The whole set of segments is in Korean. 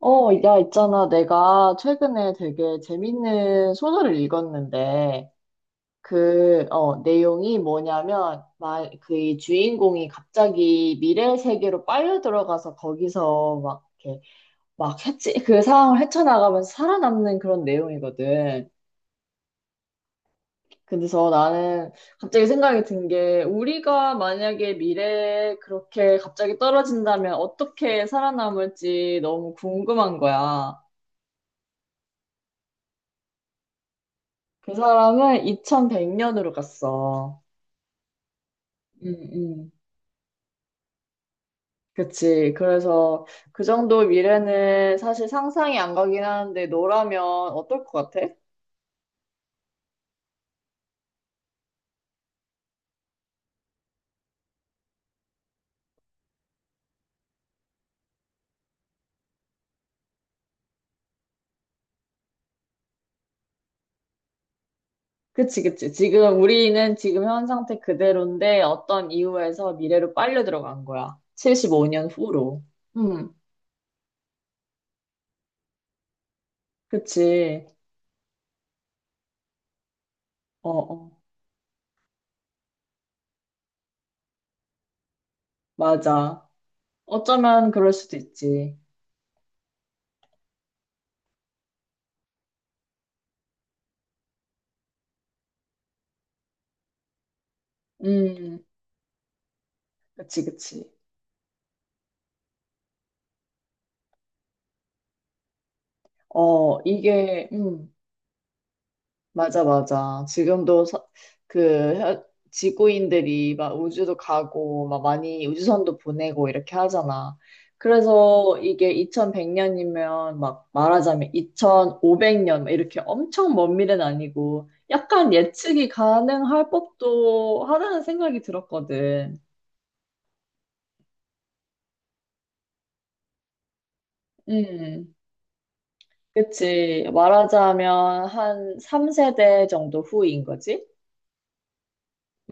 야, 있잖아. 내가 최근에 되게 재밌는 소설을 읽었는데, 내용이 뭐냐면, 그이 주인공이 갑자기 미래 세계로 빨려 들어가서 거기서 막, 이렇게, 막 그 상황을 헤쳐나가면서 살아남는 그런 내용이거든. 그래서 나는 갑자기 생각이 든 게, 우리가 만약에 미래에 그렇게 갑자기 떨어진다면 어떻게 살아남을지 너무 궁금한 거야. 그 사람은 2100년으로 갔어. 응, 응. 그치. 그래서 그 정도 미래는 사실 상상이 안 가긴 하는데 너라면 어떨 것 같아? 그치, 그치. 지금 우리는 지금 현 상태 그대로인데 어떤 이유에서 미래로 빨려 들어간 거야. 75년 후로. 음, 그치. 어, 어, 맞아. 어쩌면 그럴 수도 있지. 음, 그치, 그치. 어, 맞아, 맞아. 지금도 그 혀- 지구인들이 막 우주도 가고 막 많이 우주선도 보내고 이렇게 하잖아. 그래서 이게 2100년이면 막 말하자면 2500년 이렇게 엄청 먼 미래는 아니고 약간 예측이 가능할 법도 하다는 생각이 들었거든. 음, 그치. 말하자면 한 3세대 정도 후인 거지?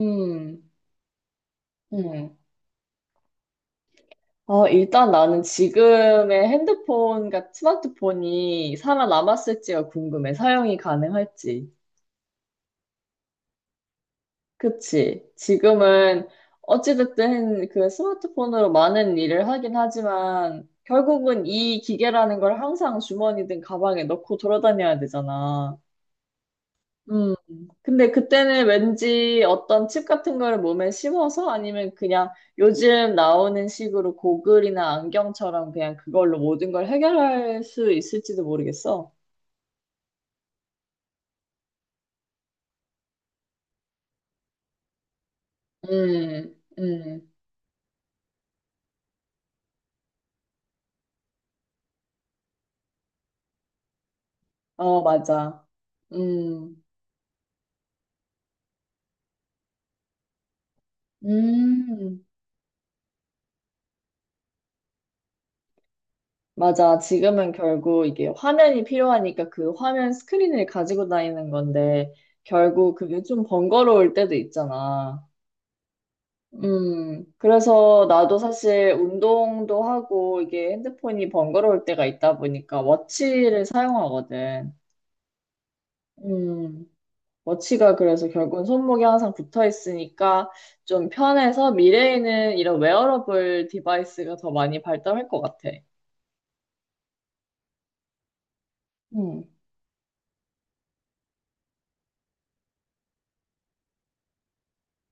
음, 음. 일단 나는 지금의 핸드폰과 스마트폰이 살아남았을지가 궁금해. 사용이 가능할지. 그치? 지금은 어찌됐든 그 스마트폰으로 많은 일을 하긴 하지만 결국은 이 기계라는 걸 항상 주머니든 가방에 넣고 돌아다녀야 되잖아. 음. 근데 그때는 왠지 어떤 칩 같은 거를 몸에 심어서 아니면 그냥 요즘 나오는 식으로 고글이나 안경처럼 그냥 그걸로 모든 걸 해결할 수 있을지도 모르겠어. 음, 음, 어, 맞아. 음, 음, 맞아. 지금은 결국 이게 화면이 필요하니까 그 화면 스크린을 가지고 다니는 건데 결국 그게 좀 번거로울 때도 있잖아. 그래서 나도 사실 운동도 하고 이게 핸드폰이 번거로울 때가 있다 보니까 워치를 사용하거든. 음, 워치가 그래서 결국은 손목에 항상 붙어 있으니까 좀 편해서 미래에는 이런 웨어러블 디바이스가 더 많이 발달할 것 같아. 음.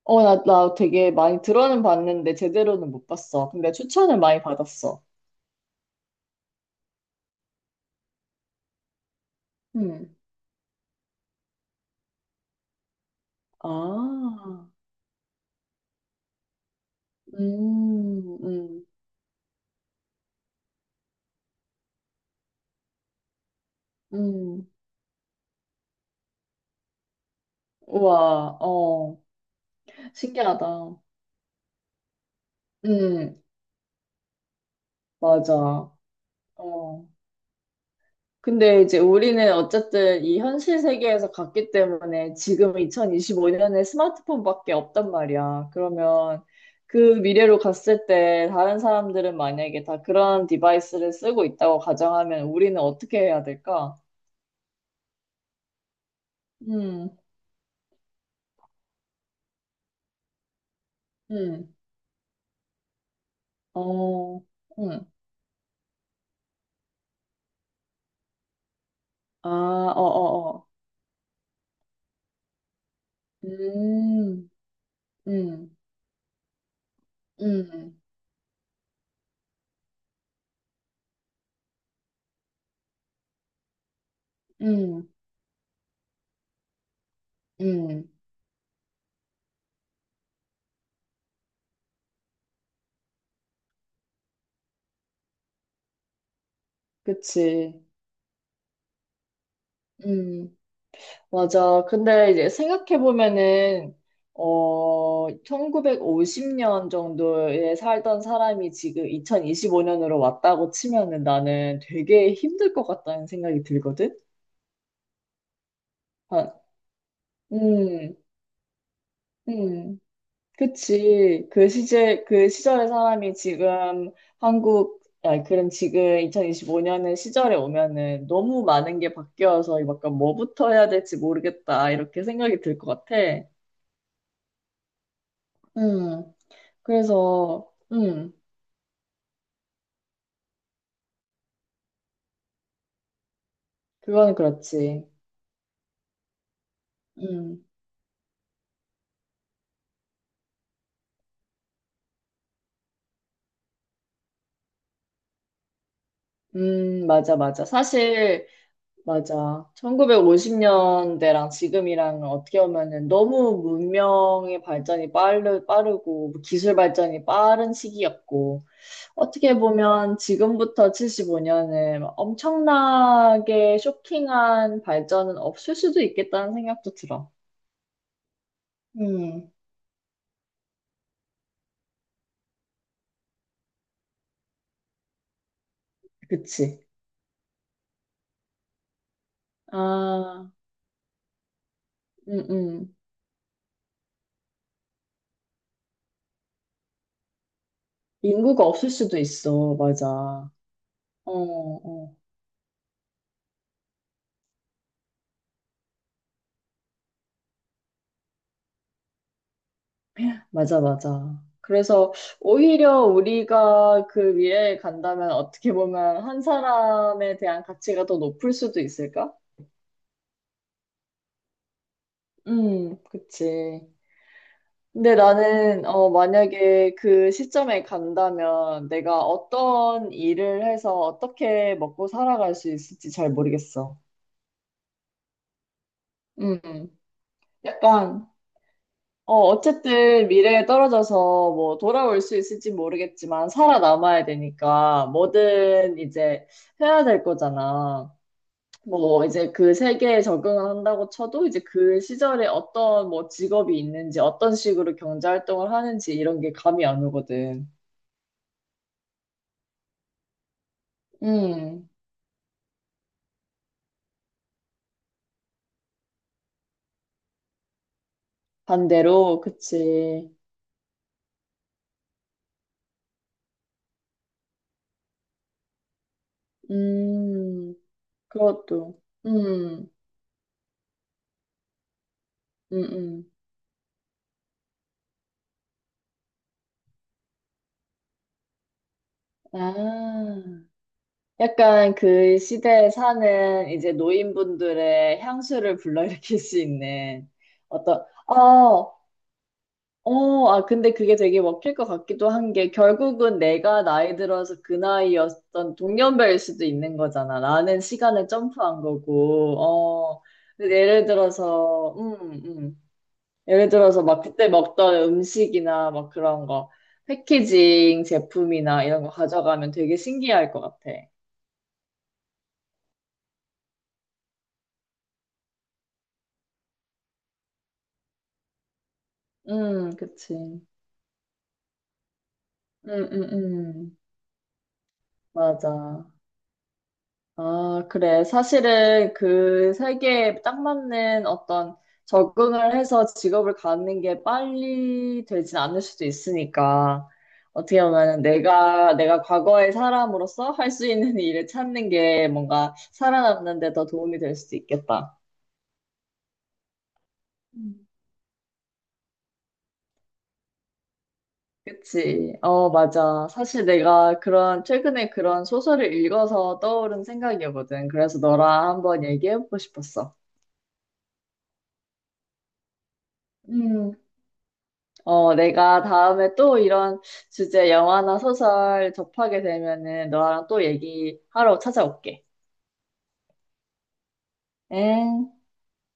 나 되게 많이 들어는 봤는데 제대로는 못 봤어. 근데 추천을 많이 받았어. 음. 아, 음, 음, 음. 우와, 어. 신기하다. 음, 맞아. 어. 근데 이제 우리는 어쨌든 이 현실 세계에서 갔기 때문에 지금 2025년에 스마트폰밖에 없단 말이야. 그러면 그 미래로 갔을 때 다른 사람들은 만약에 다 그런 디바이스를 쓰고 있다고 가정하면 우리는 어떻게 해야 될까? 음, 음. 어, 음. 아, 어, 어, 어. 음, 음, 음, 음, 음. 그치. 음. 맞아. 근데 이제 생각해보면은, 1950년 정도에 살던 사람이 지금 2025년으로 왔다고 치면은 나는 되게 힘들 것 같다는 생각이 들거든? 아, 음, 음. 그치. 그 시절의 사람이 지금 니 그럼 지금 2025년의 시절에 오면은 너무 많은 게 바뀌어서 약간 뭐부터 해야 될지 모르겠다. 이렇게 생각이 들 것 같아. 음. 그래서, 그건 그렇지. 음, 맞아, 맞아. 사실, 맞아. 1950년대랑 지금이랑 어떻게 보면은 너무 문명의 발전이 빠르고, 뭐 기술 발전이 빠른 시기였고, 어떻게 보면 지금부터 75년은 엄청나게 쇼킹한 발전은 없을 수도 있겠다는 생각도 들어. 음, 그치. 아, 음, 음. 인구가 없을 수도 있어. 맞아. 어, 어, 맞아, 맞아. 그래서 오히려 우리가 그 위에 간다면 어떻게 보면 한 사람에 대한 가치가 더 높을 수도 있을까? 그치. 근데 나는, 만약에 그 시점에 간다면 내가 어떤 일을 해서 어떻게 먹고 살아갈 수 있을지 잘 모르겠어. 음, 약간 어쨌든 미래에 떨어져서 뭐 돌아올 수 있을지 모르겠지만 살아남아야 되니까 뭐든 이제 해야 될 거잖아. 뭐 이제 그 세계에 적응한다고 쳐도 이제 그 시절에 어떤 뭐 직업이 있는지 어떤 식으로 경제 활동을 하는지 이런 게 감이 안 오거든. 음, 반대로, 그치. 음, 그것도. 음, 음. 아. 약간 그 시대에 사는 이제 노인분들의 향수를 불러일으킬 수 있는 어떤, 어, 어, 아, 근데 그게 되게 먹힐 것 같기도 한 게 결국은 내가 나이 들어서 그 나이였던 동년배일 수도 있는 거잖아. 나는 시간을 점프한 거고, 어, 근데 예를 들어서 막 그때 먹던 음식이나 막 그런 거, 패키징 제품이나 이런 거 가져가면 되게 신기할 것 같아. 그치. 음, 음, 음. 맞아. 아, 그래. 사실은 그 세계에 딱 맞는 어떤 적응을 해서 직업을 갖는 게 빨리 되진 않을 수도 있으니까. 어떻게 보면 내가 과거의 사람으로서 할 수 있는 일을 찾는 게 뭔가 살아남는 데 더 도움이 될 수도 있겠다. 음. 그치. 어, 맞아. 사실 내가 최근에 그런 소설을 읽어서 떠오른 생각이거든. 그래서 너랑 한번 얘기해보고 싶었어. 음, 내가 다음에 또 이런 주제 영화나 소설 접하게 되면은 너랑 또 얘기하러 찾아올게. 엥?